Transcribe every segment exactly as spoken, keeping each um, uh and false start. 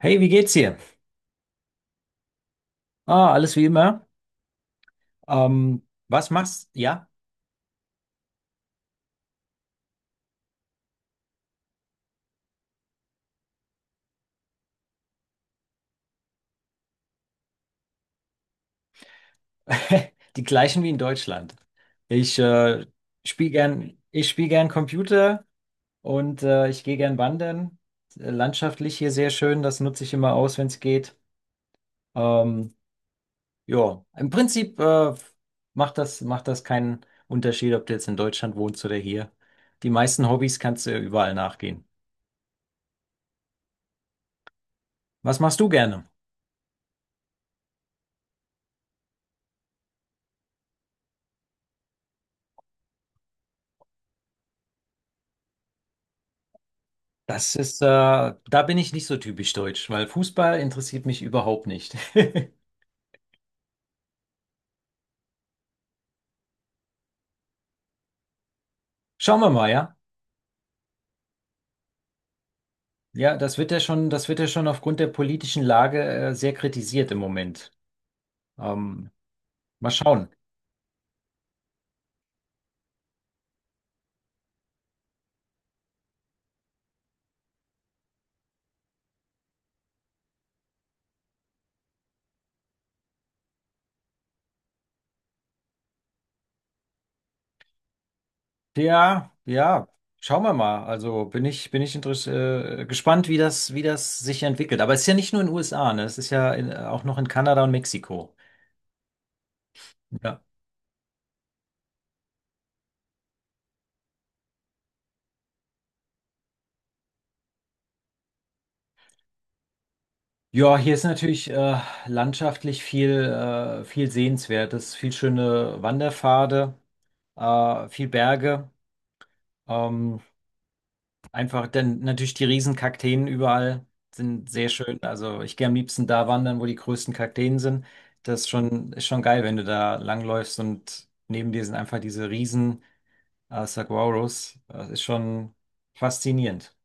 Hey, wie geht's dir? Ah, alles wie immer. Ähm, was machst? Ja, die gleichen wie in Deutschland. Ich äh, spiele gern, ich spiele gern Computer und äh, ich gehe gern wandern. Äh, Landschaftlich hier sehr schön, das nutze ich immer aus, wenn es geht. Ähm, ja, im Prinzip äh, macht das, macht das keinen Unterschied, ob du jetzt in Deutschland wohnst oder hier. Die meisten Hobbys kannst du überall nachgehen. Was machst du gerne? Das ist, äh, da bin ich nicht so typisch deutsch, weil Fußball interessiert mich überhaupt nicht. Schauen wir mal, ja? Ja, das wird ja schon, das wird ja schon aufgrund der politischen Lage, äh, sehr kritisiert im Moment. Ähm, mal schauen. Ja, ja, schauen wir mal. Also bin ich, bin ich interess äh, gespannt, wie das, wie das sich entwickelt. Aber es ist ja nicht nur in den U S A, ne? Es ist ja in, auch noch in Kanada und Mexiko. Ja. Ja, hier ist natürlich äh, landschaftlich viel, äh, viel Sehenswertes, viel schöne Wanderpfade. äh, viel Berge. Ähm, einfach, denn natürlich die riesen Kakteen überall sind sehr schön. Also ich gehe am liebsten da wandern, wo die größten Kakteen sind. Das ist schon, ist schon geil, wenn du da langläufst und neben dir sind einfach diese riesen äh, Saguaros. Das ist schon faszinierend.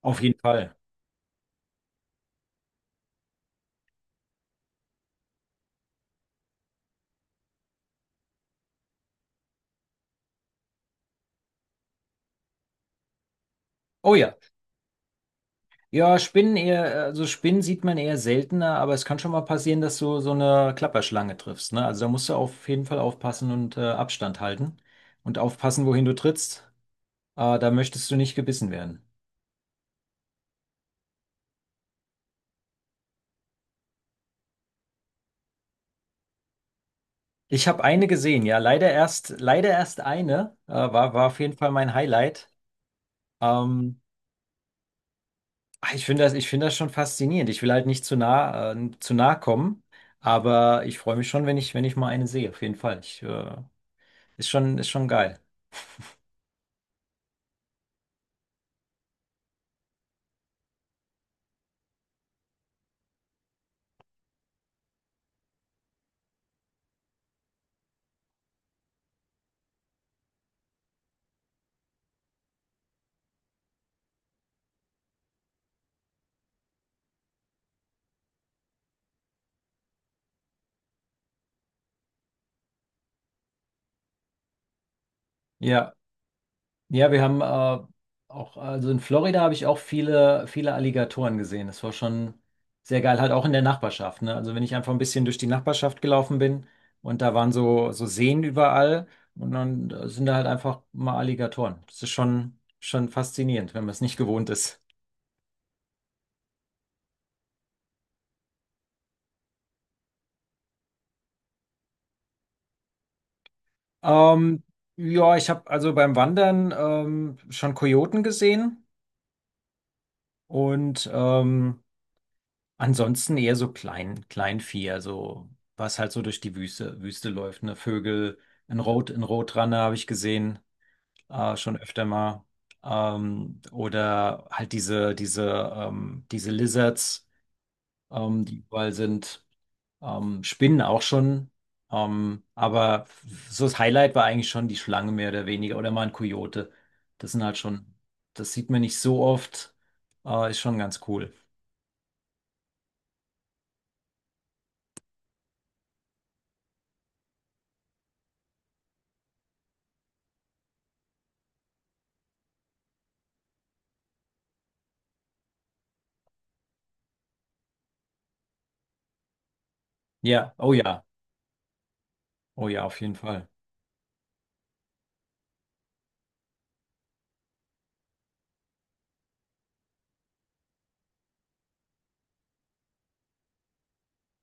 Auf jeden Fall. Oh ja. Ja, Spinnen eher, also Spinnen sieht man eher seltener, aber es kann schon mal passieren, dass du so eine Klapperschlange triffst, ne? Also da musst du auf jeden Fall aufpassen und äh, Abstand halten und aufpassen, wohin du trittst. Äh, da möchtest du nicht gebissen werden. Ich habe eine gesehen, ja, leider erst, leider erst eine, äh, war, war auf jeden Fall mein Highlight. Ähm, ah, ich finde das, ich finde das schon faszinierend. Ich will halt nicht zu nah, äh, zu nah kommen, aber ich freue mich schon, wenn ich, wenn ich mal eine sehe, auf jeden Fall. Ich, äh, ist schon, ist schon geil. Ja. Ja, wir haben äh, auch, also in Florida habe ich auch viele, viele Alligatoren gesehen. Das war schon sehr geil, halt auch in der Nachbarschaft, ne? Also wenn ich einfach ein bisschen durch die Nachbarschaft gelaufen bin und da waren so, so Seen überall und dann sind da halt einfach mal Alligatoren. Das ist schon, schon faszinierend, wenn man es nicht gewohnt ist. Ähm, ja, ich habe also beim Wandern ähm, schon Kojoten gesehen und ähm, Ansonsten eher so klein, Kleinvieh, also was halt so durch die Wüste, Wüste läuft, ne? Vögel, ein Rot, ein Rotranne habe ich gesehen, äh, schon öfter mal. Ähm, oder halt diese, diese, ähm, diese Lizards, ähm, die überall sind. Ähm, Spinnen auch schon. Ähm, aber so das Highlight war eigentlich schon die Schlange mehr oder weniger. Oder mal ein Kojote. Das sind halt schon, das sieht man nicht so oft. Äh, ist schon ganz cool. Ja, oh ja, oh ja, auf jeden Fall.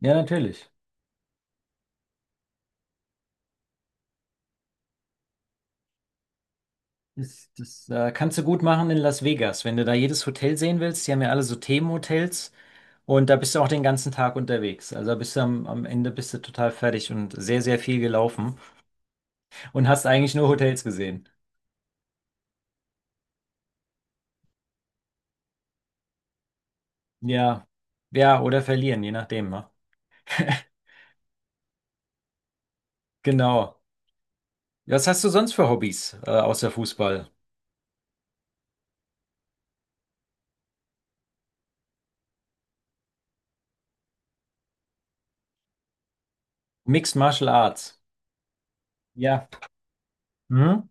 Ja, natürlich. Das, das äh, kannst du gut machen in Las Vegas, wenn du da jedes Hotel sehen willst. Die haben ja alle so Themenhotels und da bist du auch den ganzen Tag unterwegs. Also da bist du am, am Ende bist du total fertig und sehr, sehr viel gelaufen und hast eigentlich nur Hotels gesehen. Ja, ja, oder verlieren, je nachdem. Ne? Genau. Was hast du sonst für Hobbys äh, außer Fußball? Mixed Martial Arts. Ja. Hm?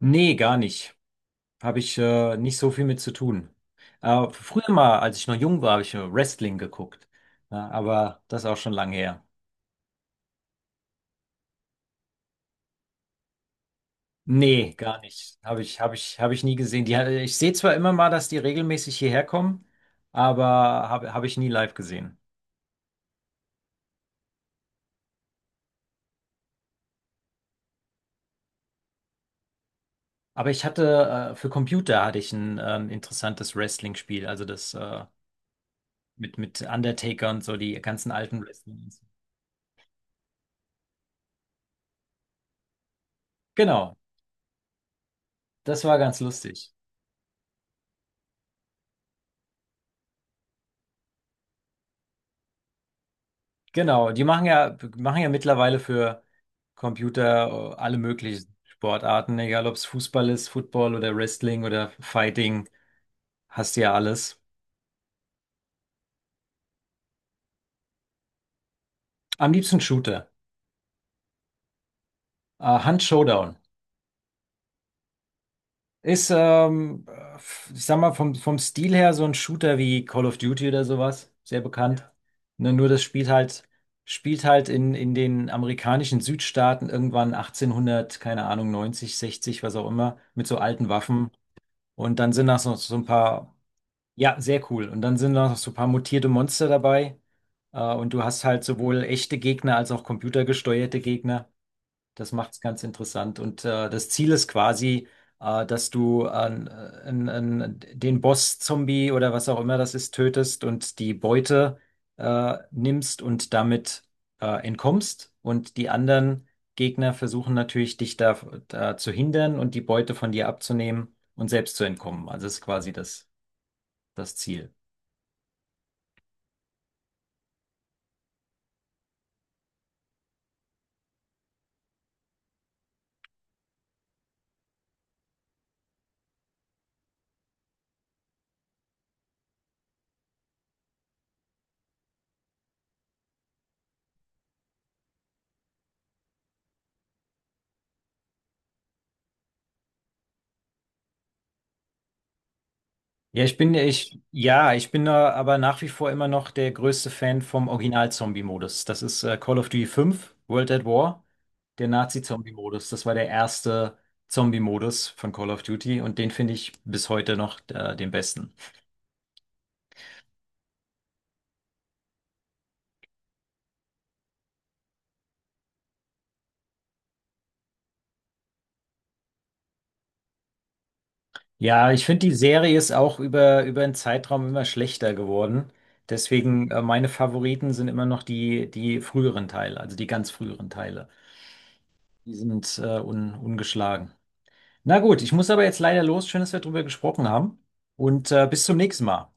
Nee, gar nicht. Habe ich äh, nicht so viel mit zu tun. Äh, früher mal, als ich noch jung war, habe ich äh, Wrestling geguckt. Ja, aber das ist auch schon lange her. Nee, gar nicht. Habe ich, habe ich, habe ich nie gesehen. Die, äh, ich sehe zwar immer mal, dass die regelmäßig hierher kommen, aber habe, habe ich nie live gesehen. Aber ich hatte, äh, für Computer hatte ich ein ähm, interessantes Wrestling-Spiel, also das äh, mit, mit Undertaker und so, die ganzen alten Wrestling. Genau, das war ganz lustig. Genau, die machen ja, machen ja mittlerweile für Computer äh, alle möglichen Sportarten, egal ob es Fußball ist, Football oder Wrestling oder Fighting, hast du ja alles. Am liebsten Shooter. Äh, Hunt Showdown. Ist, ähm, f- ich sag mal, vom, vom Stil her so ein Shooter wie Call of Duty oder sowas, sehr bekannt. Ja. Ne, nur das spielt halt, spielt halt in, in den amerikanischen Südstaaten irgendwann achtzehnhundert, keine Ahnung, neunzig, sechzig, was auch immer, mit so alten Waffen. Und dann sind das noch so ein paar, ja, sehr cool. Und dann sind da noch so ein paar mutierte Monster dabei. Äh, und du hast halt sowohl echte Gegner als auch computergesteuerte Gegner. Das macht es ganz interessant. Und äh, das Ziel ist quasi, äh, dass du an- äh, an- an den Boss-Zombie oder was auch immer das ist, tötest und die Beute äh, nimmst und damit äh, entkommst. Und die anderen Gegner versuchen natürlich, dich da, da zu hindern und die Beute von dir abzunehmen und selbst zu entkommen. Also ist quasi das, das Ziel. Ja, ich bin, ich, ja, ich bin da aber nach wie vor immer noch der größte Fan vom Original-Zombie-Modus. Das ist äh, Call of Duty fünf World at War, der Nazi-Zombie-Modus. Das war der erste Zombie-Modus von Call of Duty und den finde ich bis heute noch äh, den besten. Ja, ich finde, die Serie ist auch über, über einen Zeitraum immer schlechter geworden. Deswegen, äh, meine Favoriten sind immer noch die, die früheren Teile, also die ganz früheren Teile. Die sind äh, un, ungeschlagen. Na gut, ich muss aber jetzt leider los. Schön, dass wir drüber gesprochen haben. Und äh, bis zum nächsten Mal.